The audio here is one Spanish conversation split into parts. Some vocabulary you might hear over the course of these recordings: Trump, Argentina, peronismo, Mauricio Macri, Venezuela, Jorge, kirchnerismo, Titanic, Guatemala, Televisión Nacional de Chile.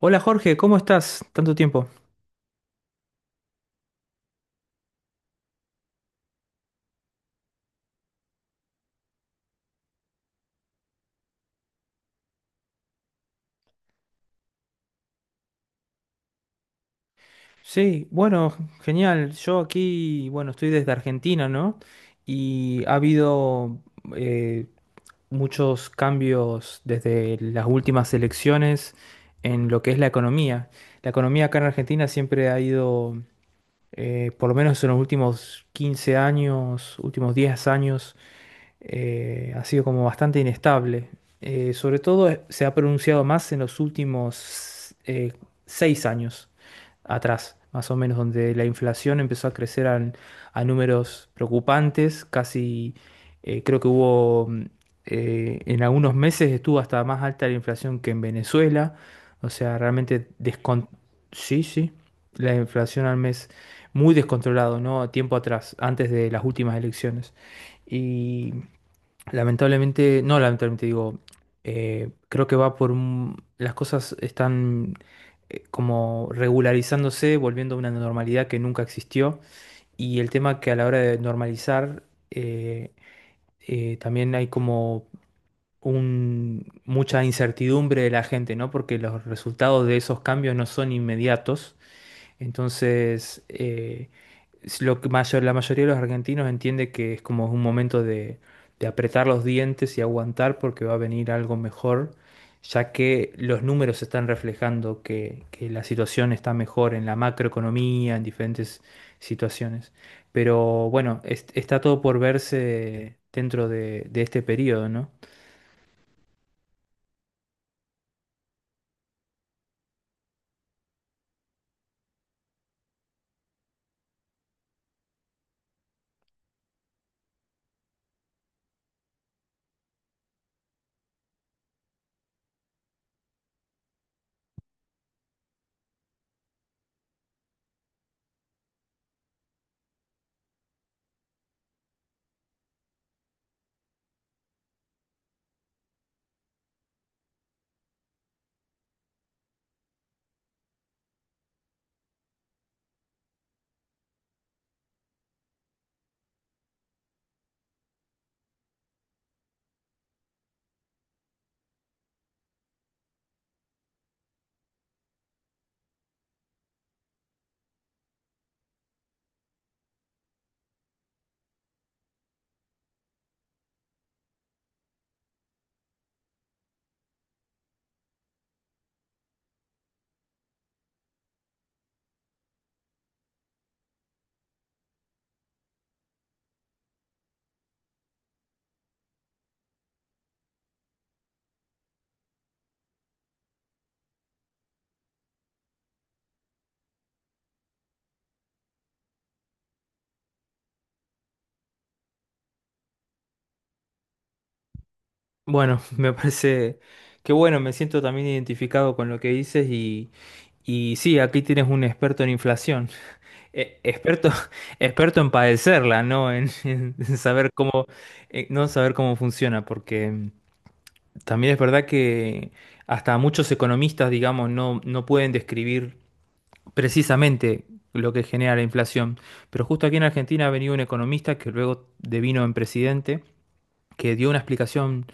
Hola Jorge, ¿cómo estás? Tanto tiempo. Sí, bueno, genial. Yo aquí, bueno, estoy desde Argentina, ¿no? Y ha habido eh, muchos cambios desde las últimas elecciones en lo que es la economía. La economía acá en Argentina siempre ha ido por lo menos en los últimos 15 años, últimos 10 años, ha sido como bastante inestable. Sobre todo se ha pronunciado más en los últimos 6 años atrás, más o menos, donde la inflación empezó a números preocupantes, casi creo que hubo, en algunos meses estuvo hasta más alta la inflación que en Venezuela, o sea, realmente descon... Sí, sí, la inflación al mes muy descontrolado, ¿no? Tiempo atrás, antes de las últimas elecciones. Y lamentablemente, no lamentablemente digo, creo que las cosas están como regularizándose, volviendo a una normalidad que nunca existió. Y el tema que a la hora de normalizar, eh, también hay como mucha incertidumbre de la gente, ¿no? Porque los resultados de esos cambios no son inmediatos, entonces, es lo que mayor, la mayoría de los argentinos entiende que es como un momento de apretar los dientes y aguantar porque va a venir algo mejor, ya que los números están reflejando que la situación está mejor en la macroeconomía, en diferentes situaciones. Pero bueno, está todo por verse dentro de este periodo, ¿no? Bueno, me parece que bueno, me siento también identificado con lo que dices. Y sí, aquí tienes un experto en inflación. Experto, experto en padecerla, ¿no? En, en saber cómo, no saber cómo funciona, porque también es verdad que hasta muchos economistas, digamos, no, no pueden describir precisamente lo que genera la inflación. Pero justo aquí en Argentina ha venido un economista que luego devino en presidente, que dio una explicación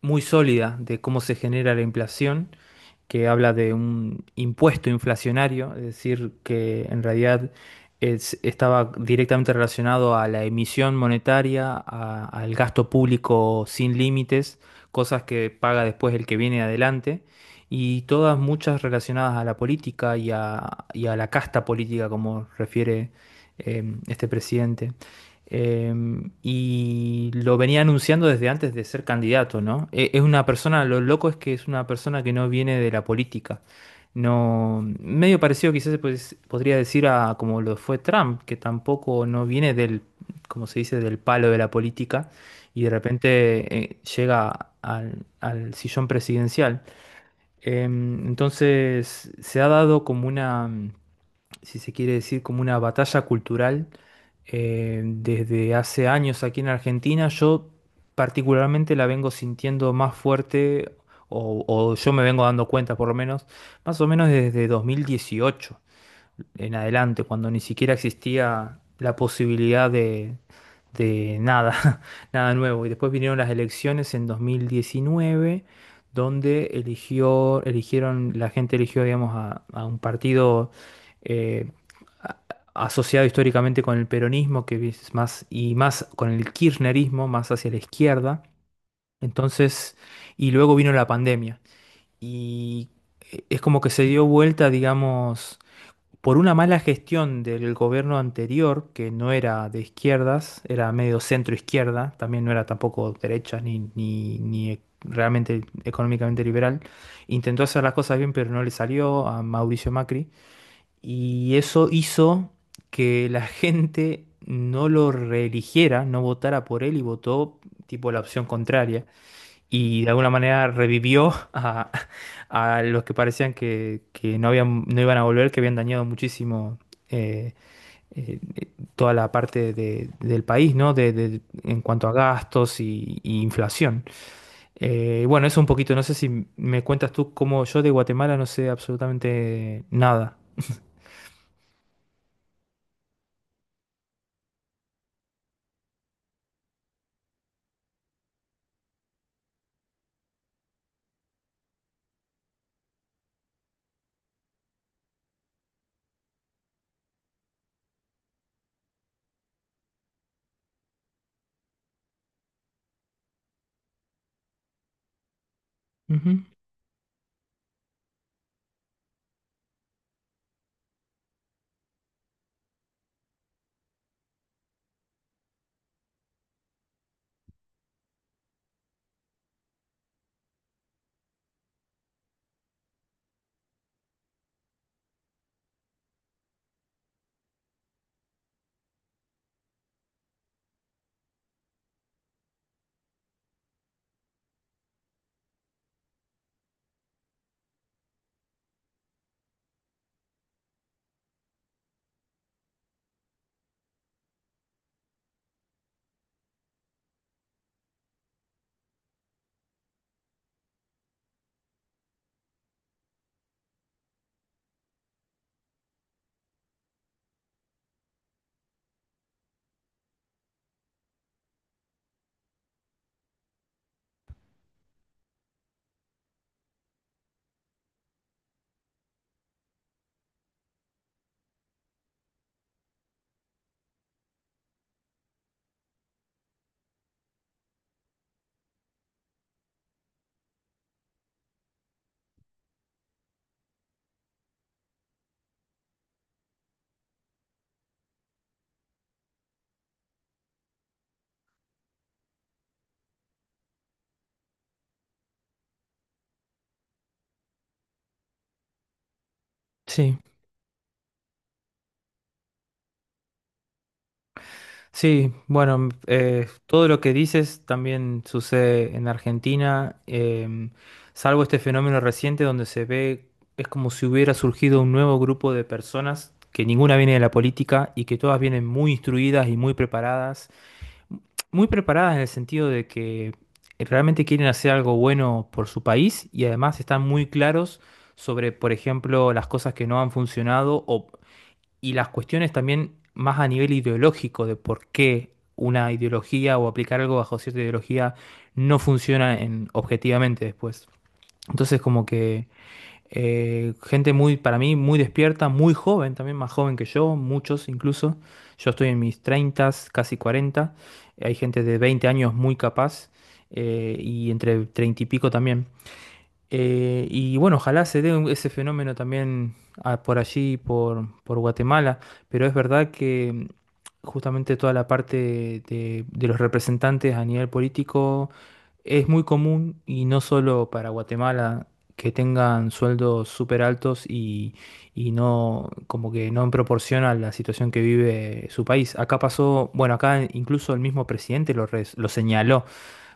muy sólida de cómo se genera la inflación, que habla de un impuesto inflacionario, es decir, que en realidad estaba directamente relacionado a la emisión monetaria, al gasto público sin límites, cosas que paga después el que viene adelante, y todas muchas relacionadas a la política y a la casta política, como refiere este presidente. Y lo venía anunciando desde antes de ser candidato, ¿no? Es una persona, lo loco es que es una persona que no viene de la política. No, medio parecido quizás pues, podría decir a como lo fue Trump, que tampoco no viene del, como se dice, del palo de la política, y de repente llega al, al sillón presidencial. Entonces se ha dado como una, si se quiere decir, como una batalla cultural desde hace años aquí en Argentina. Yo particularmente la vengo sintiendo más fuerte, o yo me vengo dando cuenta por lo menos, más o menos desde 2018 en adelante, cuando ni siquiera existía la posibilidad de nada, nada nuevo. Y después vinieron las elecciones en 2019, donde eligió, eligieron, la gente eligió, digamos, a un partido eh, a- asociado históricamente con el peronismo, que es más, y más con el kirchnerismo, más hacia la izquierda. Entonces, y luego vino la pandemia. Y es como que se dio vuelta, digamos, por una mala gestión del gobierno anterior, que no era de izquierdas, era medio centro izquierda, también no era tampoco derecha ni, ni, ni realmente económicamente liberal, intentó hacer las cosas bien, pero no le salió a Mauricio Macri, y eso hizo que la gente no lo reeligiera, no votara por él y votó tipo la opción contraria y de alguna manera revivió a los que parecían que no habían, no iban a volver, que habían dañado muchísimo eh, eh, eh, toda la parte del país, ¿no? De, en cuanto a gastos y inflación. Bueno, eso un poquito, no sé si me cuentas tú cómo, yo de Guatemala no sé absolutamente nada. Ujú. Sí. Sí, bueno, todo lo que dices también sucede en Argentina, salvo este fenómeno reciente donde se ve, es como si hubiera surgido un nuevo grupo de personas que ninguna viene de la política y que todas vienen muy instruidas y muy preparadas en el sentido de que realmente quieren hacer algo bueno por su país y además están muy claros sobre, por ejemplo, las cosas que no han funcionado, o y las cuestiones también más a nivel ideológico de por qué una ideología o aplicar algo bajo cierta ideología no funciona en, objetivamente después. Entonces como que gente muy, para mí, muy despierta, muy joven, también más joven que yo, muchos incluso. Yo estoy en mis 30, casi cuarenta. Hay gente de 20 años muy capaz, y entre 30 y pico también. Y bueno, ojalá se dé ese fenómeno también por allí, por Guatemala, pero es verdad que justamente toda la parte de los representantes a nivel político es muy común, y no solo para Guatemala, que tengan sueldos súper altos y no, como que no en proporción a la situación que vive su país. Acá pasó, bueno, acá incluso el mismo presidente lo, lo señaló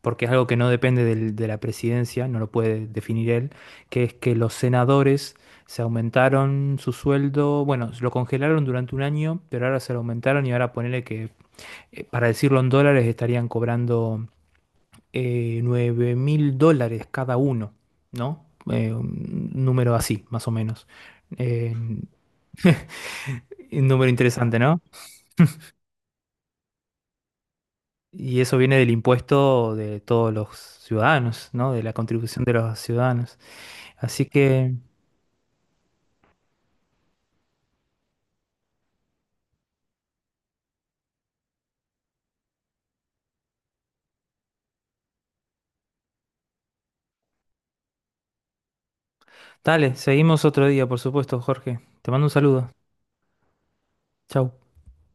porque es algo que no depende de la presidencia, no lo puede definir él, que es que los senadores se aumentaron su sueldo, bueno, lo congelaron durante un año, pero ahora se lo aumentaron y ahora ponele que, para decirlo en dólares, estarían cobrando $9000 cada uno, ¿no? Un número así, más o menos. Un número interesante, ¿no? Y eso viene del impuesto de todos los ciudadanos, ¿no? De la contribución de los ciudadanos. Así que... Dale, seguimos otro día, por supuesto, Jorge. Te mando un saludo. Chau.